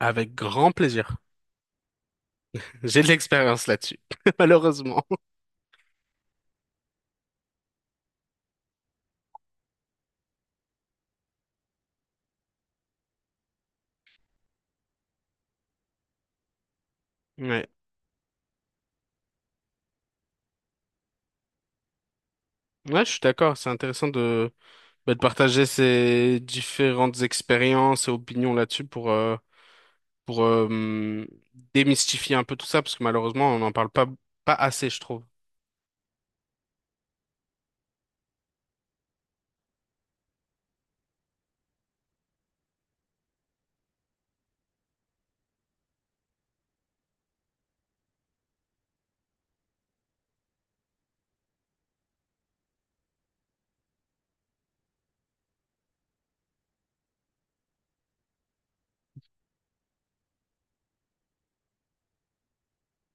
Avec grand plaisir. J'ai de l'expérience là-dessus, malheureusement. Ouais. Ouais, je suis d'accord. C'est intéressant de, bah, de partager ces différentes expériences et opinions là-dessus pour démystifier un peu tout ça, parce que malheureusement, on n'en parle pas, pas assez, je trouve.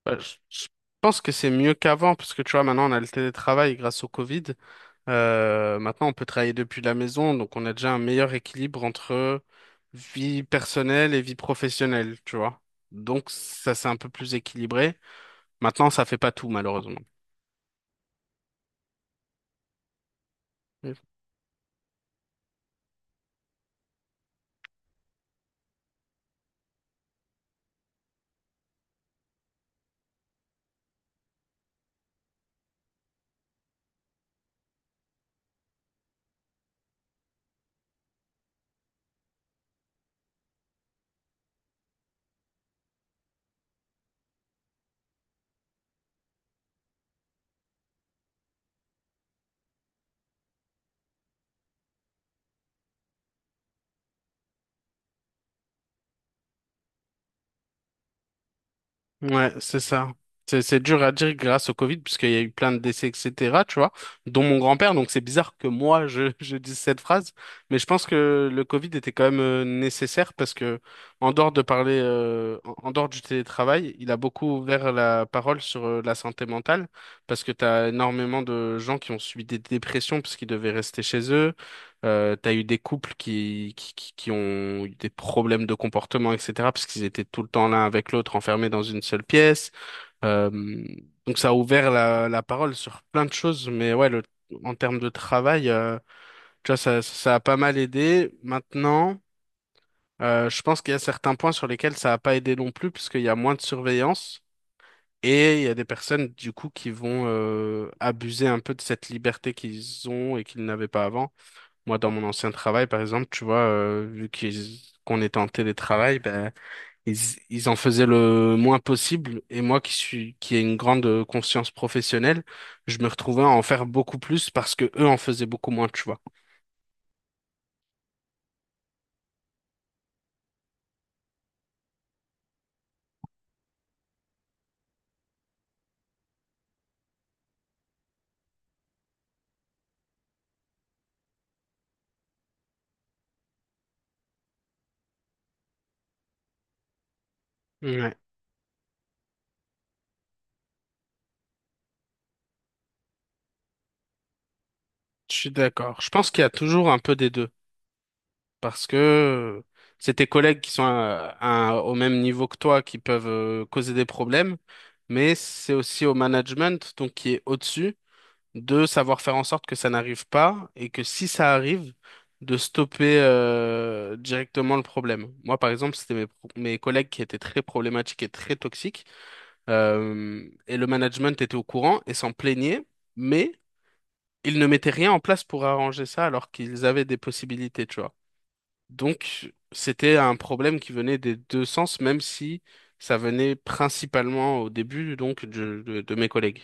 Bah, je pense que c'est mieux qu'avant, parce que tu vois, maintenant, on a le télétravail grâce au Covid. Maintenant, on peut travailler depuis la maison, donc on a déjà un meilleur équilibre entre vie personnelle et vie professionnelle, tu vois. Donc ça, c'est un peu plus équilibré. Maintenant, ça fait pas tout, malheureusement. Ouais, c'est ça. C'est dur à dire grâce au Covid, puisqu'il y a eu plein de décès, etc., tu vois, dont mon grand-père. Donc c'est bizarre que moi, je, je dise cette phrase, mais je pense que le Covid était quand même nécessaire parce que, en dehors de parler, en en dehors du télétravail, il a beaucoup ouvert la parole sur la santé mentale, parce que tu as énormément de gens qui ont subi des dépressions puisqu'ils devaient rester chez eux, t'as eu des couples qui ont eu des problèmes de comportement, etc., parce qu'ils étaient tout le temps l'un avec l'autre, enfermés dans une seule pièce. Euh, donc ça a ouvert la parole sur plein de choses, mais ouais, en termes de travail, tu vois, ça a pas mal aidé. Maintenant, je pense qu'il y a certains points sur lesquels ça a pas aidé non plus, parce qu'il y a moins de surveillance. Et il y a des personnes, du coup, qui vont abuser un peu de cette liberté qu'ils ont et qu'ils n'avaient pas avant. Moi, dans mon ancien travail, par exemple, tu vois, vu qu'on était en télétravail, ben, ils, ils en faisaient le moins possible. Et moi, qui ai une grande conscience professionnelle, je me retrouvais à en faire beaucoup plus parce que eux en faisaient beaucoup moins, tu vois. Ouais, je suis d'accord. Je pense qu'il y a toujours un peu des deux parce que c'est tes collègues qui sont au même niveau que toi qui peuvent causer des problèmes, mais c'est aussi au management, donc qui est au-dessus de savoir faire en sorte que ça n'arrive pas et que si ça arrive, de stopper directement le problème. Moi, par exemple, c'était mes collègues qui étaient très problématiques et très toxiques, et le management était au courant et s'en plaignait, mais ils ne mettaient rien en place pour arranger ça alors qu'ils avaient des possibilités, tu vois. Donc, c'était un problème qui venait des deux sens, même si ça venait principalement au début, donc, de mes collègues.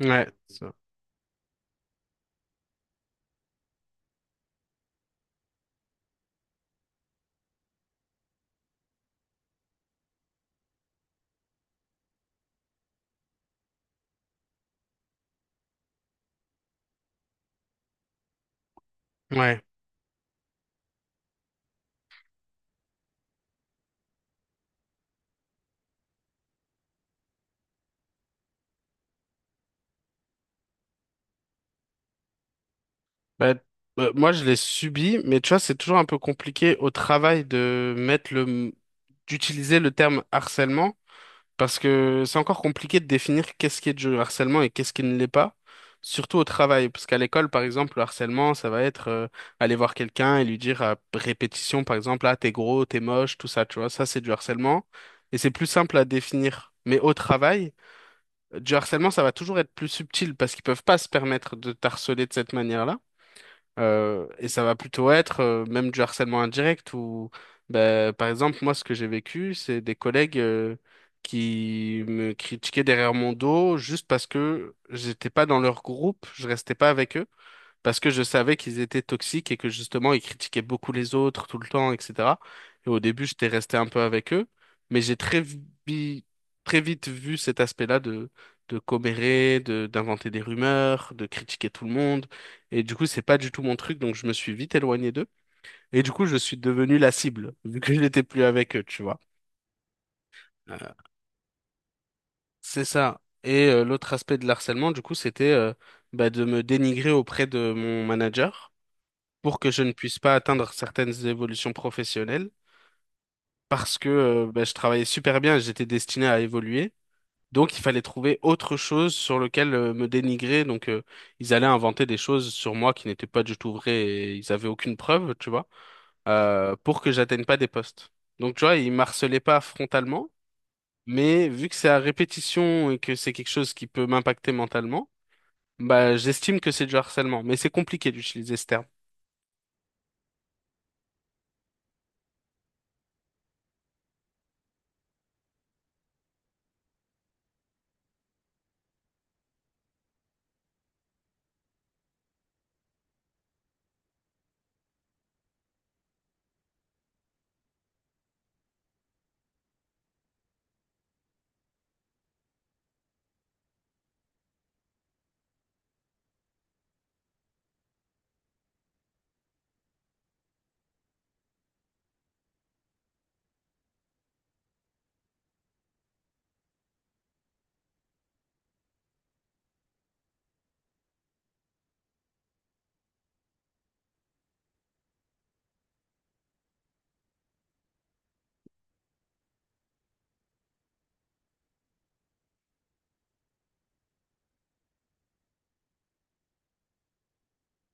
Ouais, ça. Ouais. Bah, moi, je l'ai subi, mais tu vois, c'est toujours un peu compliqué au travail de d'utiliser le terme harcèlement, parce que c'est encore compliqué de définir qu'est-ce qui est du harcèlement et qu'est-ce qui ne l'est pas, surtout au travail, parce qu'à l'école, par exemple, le harcèlement, ça va être aller voir quelqu'un et lui dire à répétition, par exemple, ah, t'es gros, t'es moche, tout ça, tu vois, ça, c'est du harcèlement, et c'est plus simple à définir. Mais au travail, du harcèlement, ça va toujours être plus subtil parce qu'ils peuvent pas se permettre de t'harceler de cette manière-là. Et ça va plutôt être même du harcèlement indirect où, ben, par exemple, moi, ce que j'ai vécu, c'est des collègues qui me critiquaient derrière mon dos juste parce que j'étais pas dans leur groupe, je restais pas avec eux parce que je savais qu'ils étaient toxiques et que justement ils critiquaient beaucoup les autres tout le temps, etc. Et au début, j'étais resté un peu avec eux, mais j'ai très vite vu cet aspect-là de commérer, de d'inventer des rumeurs, de critiquer tout le monde. Et du coup, c'est pas du tout mon truc, donc je me suis vite éloigné d'eux. Et du coup, je suis devenu la cible, vu que je n'étais plus avec eux, tu vois. Euh, c'est ça. Et l'autre aspect de l'harcèlement, du coup, c'était bah, de me dénigrer auprès de mon manager pour que je ne puisse pas atteindre certaines évolutions professionnelles parce que bah, je travaillais super bien et j'étais destiné à évoluer. Donc, il fallait trouver autre chose sur lequel me dénigrer. Donc, ils allaient inventer des choses sur moi qui n'étaient pas du tout vraies et ils avaient aucune preuve, tu vois, pour que j'atteigne pas des postes. Donc, tu vois, ils m'harcelaient pas frontalement, mais vu que c'est à répétition et que c'est quelque chose qui peut m'impacter mentalement, bah, j'estime que c'est du harcèlement, mais c'est compliqué d'utiliser ce terme.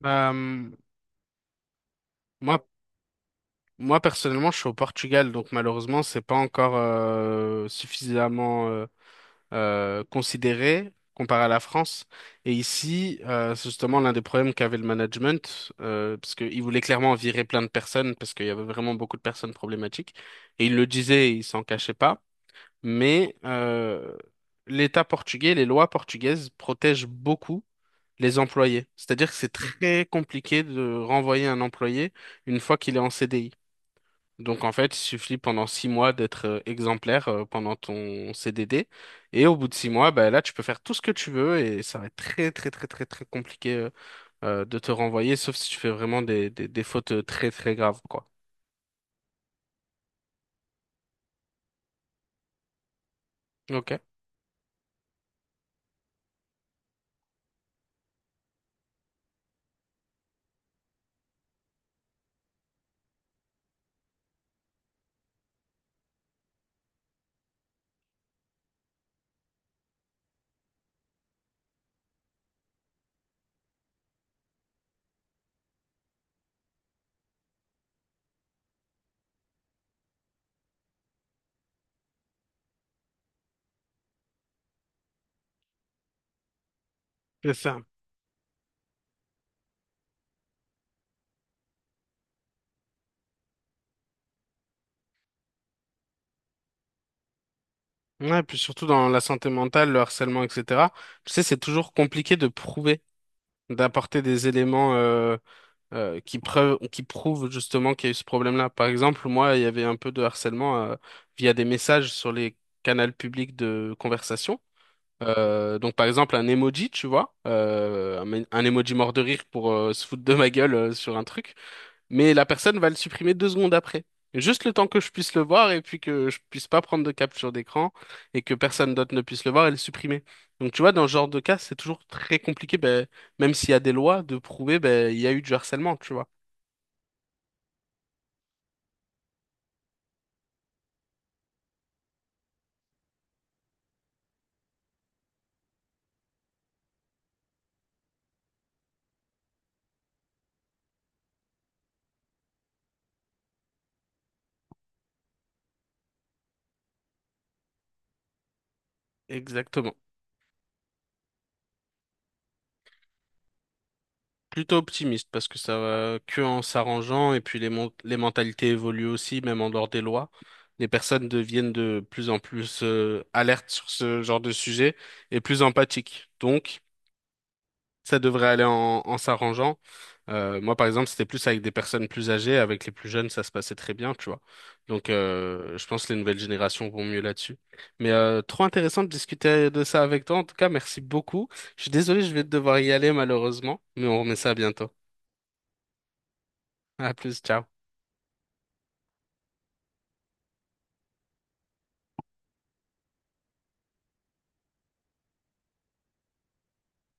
Bah, moi, moi personnellement, je suis au Portugal, donc malheureusement, c'est pas encore suffisamment considéré comparé à la France. Et ici, c'est justement l'un des problèmes qu'avait le management, parce qu'ils voulaient clairement virer plein de personnes, parce qu'il y avait vraiment beaucoup de personnes problématiques. Et ils le disaient, ils s'en cachaient pas. Mais l'État portugais, les lois portugaises protègent beaucoup les employés. C'est-à-dire que c'est très compliqué de renvoyer un employé une fois qu'il est en CDI. Donc en fait, il suffit pendant 6 mois d'être exemplaire pendant ton CDD. Et au bout de 6 mois, bah, là, tu peux faire tout ce que tu veux et ça va être très très très très très compliqué de te renvoyer, sauf si tu fais vraiment des fautes très très graves, quoi. Ok, c'est ça. Ouais, et puis surtout dans la santé mentale, le harcèlement, etc. Tu sais, c'est toujours compliqué de prouver, d'apporter des éléments qui prouve justement qu'il y a eu ce problème-là. Par exemple, moi, il y avait un peu de harcèlement via des messages sur les canaux publics de conversation. Donc par exemple un emoji, tu vois, un emoji mort de rire pour se foutre de ma gueule sur un truc, mais la personne va le supprimer 2 secondes après. Juste le temps que je puisse le voir et puis que je puisse pas prendre de capture d'écran et que personne d'autre ne puisse le voir et le supprimer. Donc tu vois, dans ce genre de cas, c'est toujours très compliqué, ben, même s'il y a des lois, de prouver ben, il y a eu du harcèlement, tu vois. Exactement. Plutôt optimiste parce que ça va que en s'arrangeant et puis les mentalités évoluent aussi, même en dehors des lois. Les personnes deviennent de plus en plus alertes sur ce genre de sujet et plus empathiques. Donc, ça devrait aller en s'arrangeant. Moi, par exemple, c'était plus avec des personnes plus âgées, avec les plus jeunes, ça se passait très bien, tu vois. Donc, je pense que les nouvelles générations vont mieux là-dessus. Mais trop intéressant de discuter de ça avec toi. En tout cas, merci beaucoup. Je suis désolé, je vais devoir y aller malheureusement, mais on remet ça à bientôt. À plus, ciao.